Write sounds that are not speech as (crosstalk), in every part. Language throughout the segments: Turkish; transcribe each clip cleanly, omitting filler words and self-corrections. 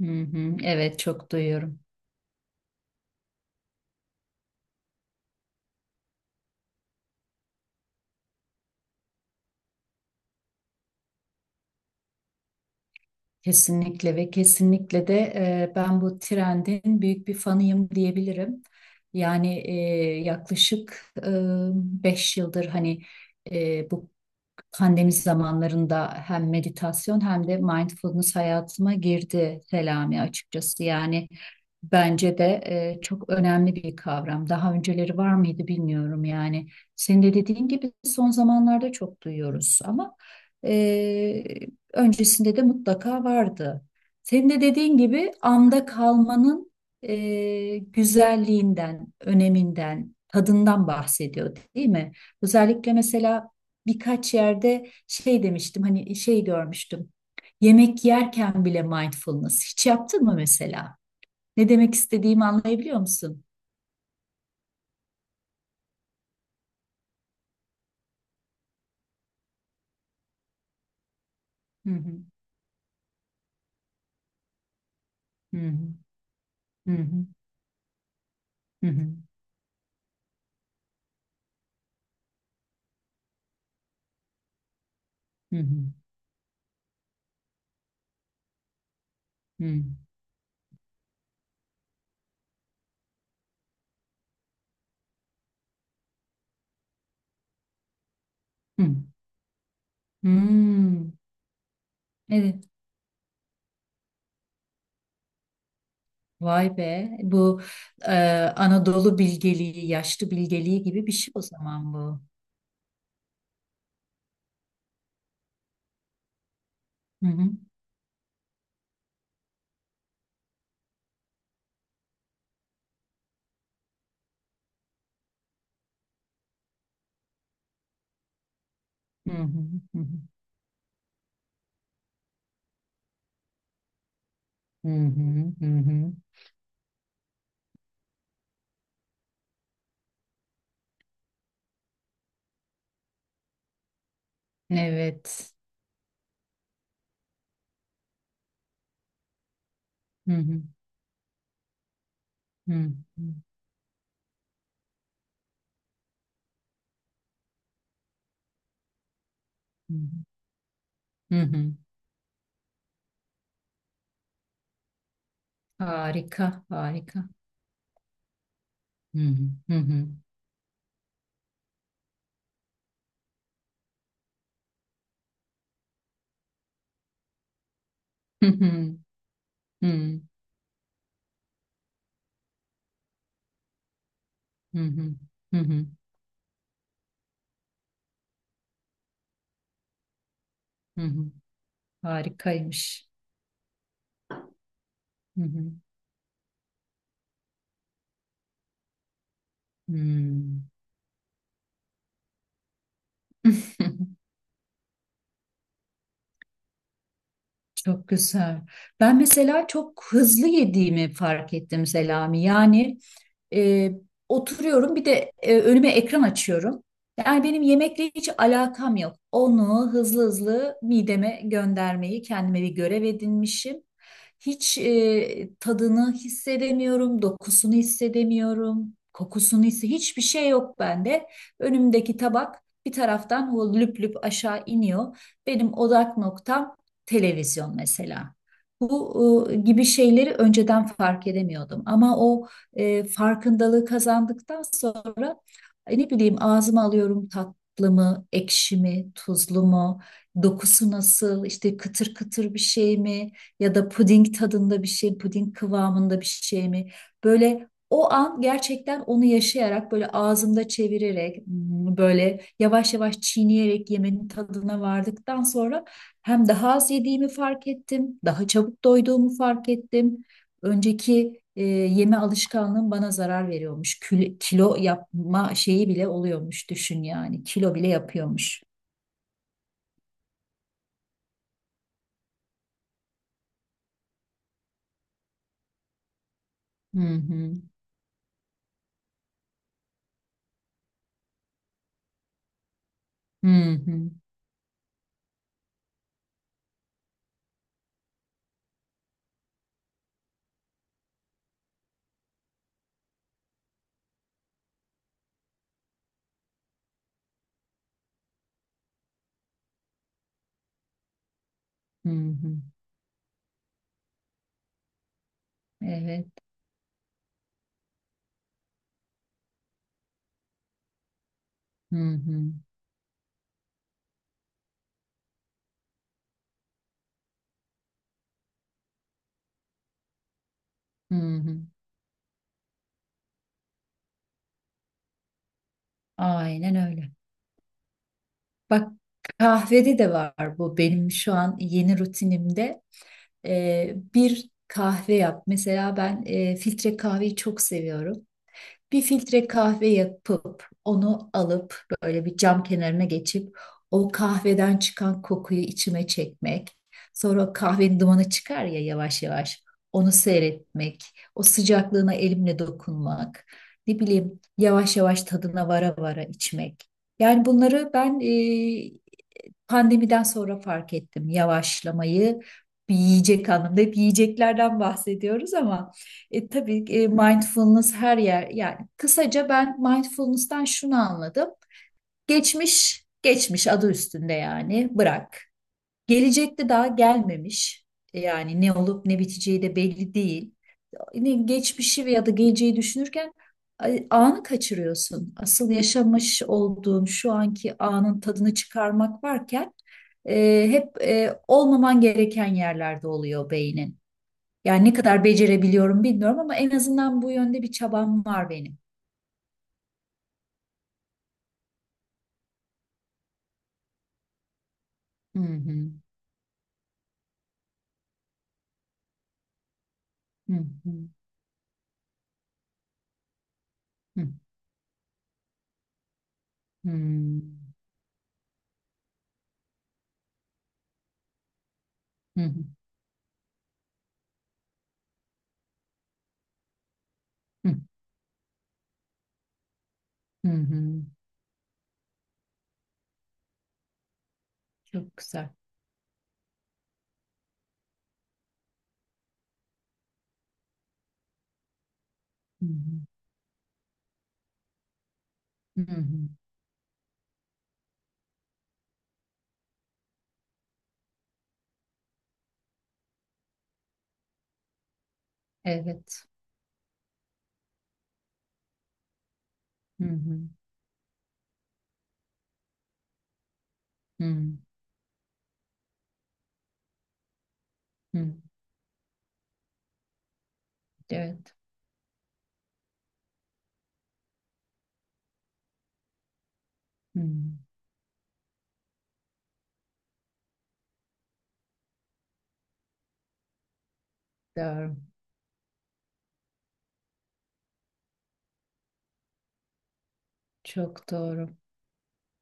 Hı hı, evet çok duyuyorum. Kesinlikle ve kesinlikle de ben bu trendin büyük bir fanıyım diyebilirim. Yani yaklaşık 5 yıldır hani bu pandemi zamanlarında hem meditasyon hem de mindfulness hayatıma girdi Selami açıkçası. Yani bence de çok önemli bir kavram. Daha önceleri var mıydı bilmiyorum yani. Senin de dediğin gibi son zamanlarda çok duyuyoruz ama e, öncesinde de mutlaka vardı. Senin de dediğin gibi anda kalmanın güzelliğinden, öneminden, tadından bahsediyor değil mi? Özellikle mesela birkaç yerde şey demiştim hani şey görmüştüm. Yemek yerken bile mindfulness. Hiç yaptın mı mesela? Ne demek istediğimi anlayabiliyor musun? Hı hı. Hı hı. Hı hı. Hı hı. Hı hı. Hı hı. Hı. Hmm. Evet. Vay be. Bu e, Anadolu bilgeliği, yaşlı bilgeliği gibi bir şey o zaman bu. Hı hı. Hı hı. Hı hı. Hı hı. Hı hı. Evet. Hı hı. Hı hı. Hı hı. Hı hı. Harika, harika. Hı hı, hı hı, hı hı, hı hı, hı hı, hı hı, hı hı. Harikaymış. Hı hı, hı. (laughs) Çok güzel. Ben mesela çok hızlı yediğimi fark ettim Selami. Yani E, oturuyorum bir de önüme ekran açıyorum. Yani benim yemekle hiç alakam yok. Onu hızlı hızlı mideme göndermeyi kendime bir görev edinmişim. Hiç tadını hissedemiyorum, dokusunu hissedemiyorum, kokusunu hisse hiçbir şey yok bende. Önümdeki tabak bir taraftan o lüp lüp aşağı iniyor. Benim odak noktam televizyon mesela. Bu gibi şeyleri önceden fark edemiyordum ama o farkındalığı kazandıktan sonra ne bileyim ağzıma alıyorum tatlı mı, ekşi mi, tuzlu mu, dokusu nasıl, işte kıtır kıtır bir şey mi ya da puding tadında bir şey, puding kıvamında bir şey mi? Böyle o an gerçekten onu yaşayarak böyle ağzımda çevirerek böyle yavaş yavaş çiğneyerek yemenin tadına vardıktan sonra hem daha az yediğimi fark ettim, daha çabuk doyduğumu fark ettim. Önceki yeme alışkanlığım bana zarar veriyormuş. Kilo yapma şeyi bile oluyormuş düşün yani. Kilo bile yapıyormuş. Hı hı. Hı hı. Hı hı. Evet. Hı hı. Hı hı. Aynen öyle. Bak kahvede de var bu benim şu an yeni rutinimde. Bir kahve yap. Mesela ben filtre kahveyi çok seviyorum. Bir filtre kahve yapıp onu alıp böyle bir cam kenarına geçip o kahveden çıkan kokuyu içime çekmek. Sonra o kahvenin dumanı çıkar ya yavaş yavaş. Onu seyretmek, o sıcaklığına elimle dokunmak, ne bileyim yavaş yavaş tadına vara vara içmek. Yani bunları ben pandemiden sonra fark ettim yavaşlamayı. Bir yiyecek anlamında hep yiyeceklerden bahsediyoruz ama tabii mindfulness her yer yani kısaca ben mindfulness'tan şunu anladım. Geçmiş geçmiş adı üstünde yani bırak. Gelecekte daha gelmemiş. Yani ne olup ne biteceği de belli değil, ne geçmişi veya da geleceği düşünürken anı kaçırıyorsun. Asıl yaşamış olduğun şu anki anın tadını çıkarmak varken hep olmaman gereken yerlerde oluyor beynin. Yani ne kadar becerebiliyorum bilmiyorum ama en azından bu yönde bir çabam var benim. Hı hı, hı hı, hı hı, hı hı, hı hı, hı. Çok güzel. Hı hı, hı hı. Evet. Hı hı, hı hı. Evet. Hı. Doğru. Çok doğru.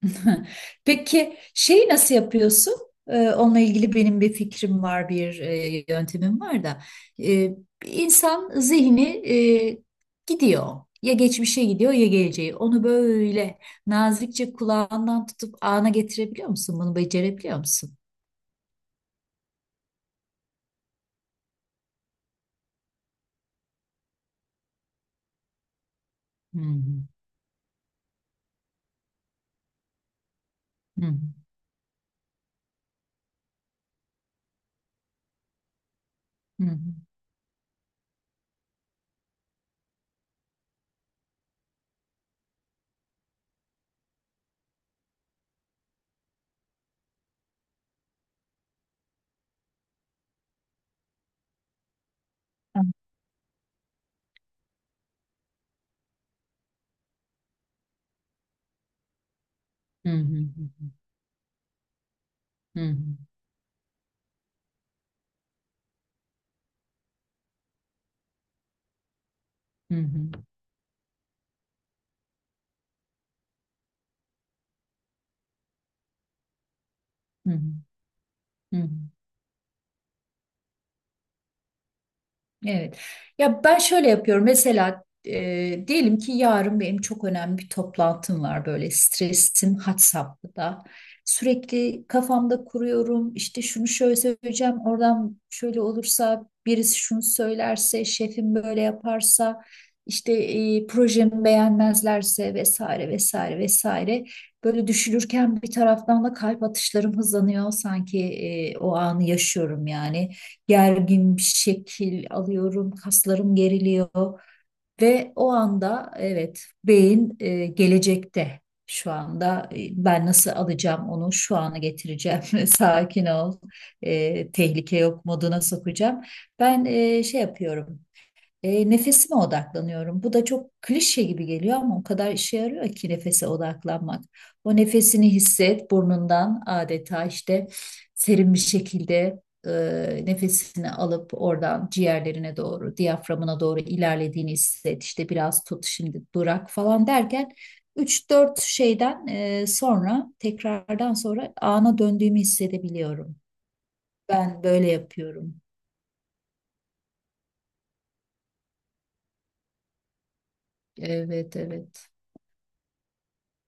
(laughs) Peki şeyi nasıl yapıyorsun? Onunla ilgili benim bir fikrim var, bir yöntemim var da. Ee, insan zihni e, gidiyor. Ya geçmişe gidiyor ya geleceğe. Onu böyle nazikçe kulağından tutup ana getirebiliyor musun? Bunu becerebiliyor musun? Hı hı, hı hı, hı hı, hı hı, hı hı, hı hı, hı hı, hı hı. Evet. Ya ben şöyle yapıyorum. Mesela diyelim ki yarın benim çok önemli bir toplantım var. Böyle stresim had safhada. Sürekli kafamda kuruyorum. İşte şunu şöyle söyleyeceğim. Oradan şöyle olursa birisi şunu söylerse, şefim böyle yaparsa, işte projemi beğenmezlerse vesaire vesaire vesaire. Böyle düşünürken bir taraftan da kalp atışlarım hızlanıyor. Sanki o anı yaşıyorum yani gergin bir şekil alıyorum, kaslarım geriliyor ve o anda evet beyin gelecekte şu anda ben nasıl alacağım onu şu ana getireceğim (laughs) sakin ol, tehlike yok moduna sokacağım. Ben şey yapıyorum. Nefesime odaklanıyorum. Bu da çok klişe gibi geliyor ama o kadar işe yarıyor ki nefese odaklanmak. O nefesini hisset burnundan adeta işte serin bir şekilde, nefesini alıp oradan ciğerlerine doğru, diyaframına doğru ilerlediğini hisset. İşte biraz tut şimdi durak falan derken üç dört şeyden sonra tekrardan sonra ana döndüğümü hissedebiliyorum. Ben böyle yapıyorum. Evet, evet.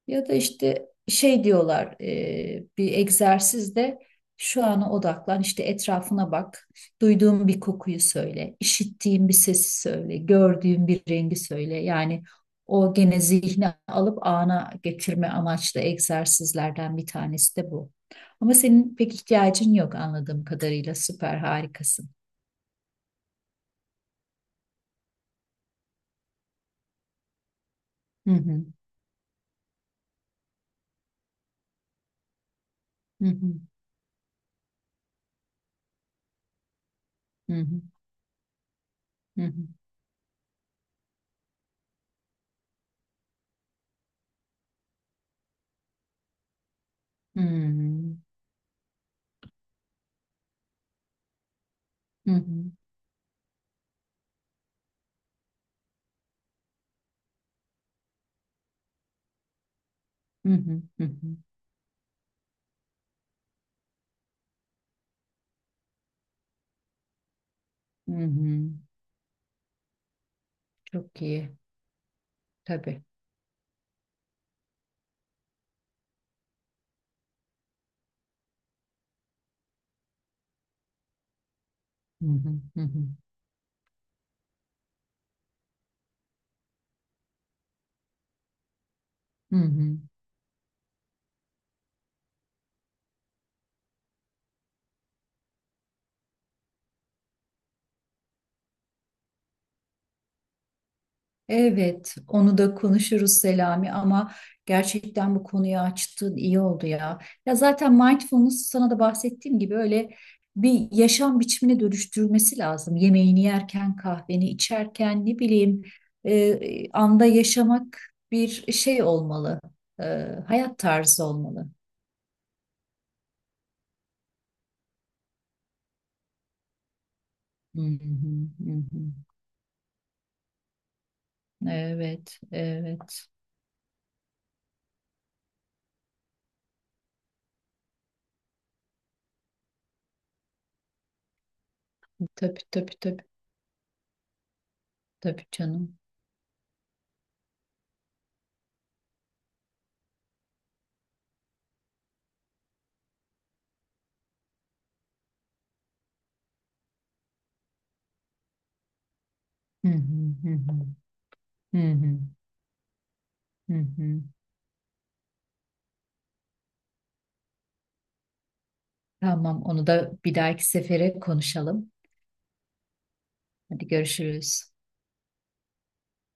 Ya da işte şey diyorlar, bir egzersizde şu ana odaklan işte, etrafına bak. Duyduğun bir kokuyu söyle, işittiğin bir sesi söyle, gördüğün bir rengi söyle. Yani o gene zihni alıp ana getirme amaçlı egzersizlerden bir tanesi de bu. Ama senin pek ihtiyacın yok anladığım kadarıyla. Süper, harikasın. Hı hı. Hı hı. Hı hı. Hı hı. Hı hı. Hı hı. Hı hı. Hı hı. Çok iyi. Tabii. Hı hı, hı hı, hı hı. Evet, onu da konuşuruz Selami ama gerçekten bu konuyu açtın iyi oldu ya. Ya zaten mindfulness sana da bahsettiğim gibi öyle bir yaşam biçimine dönüştürülmesi lazım. Yemeğini yerken, kahveni içerken ne bileyim anda yaşamak bir şey olmalı. E, hayat tarzı olmalı. Hı hı, hı hı. Evet, evet. Tabii tabii tabii tabii canım. Hı hı, hı hı. Hı hı, hı hı. Tamam, onu da bir dahaki sefere konuşalım. Hadi görüşürüz.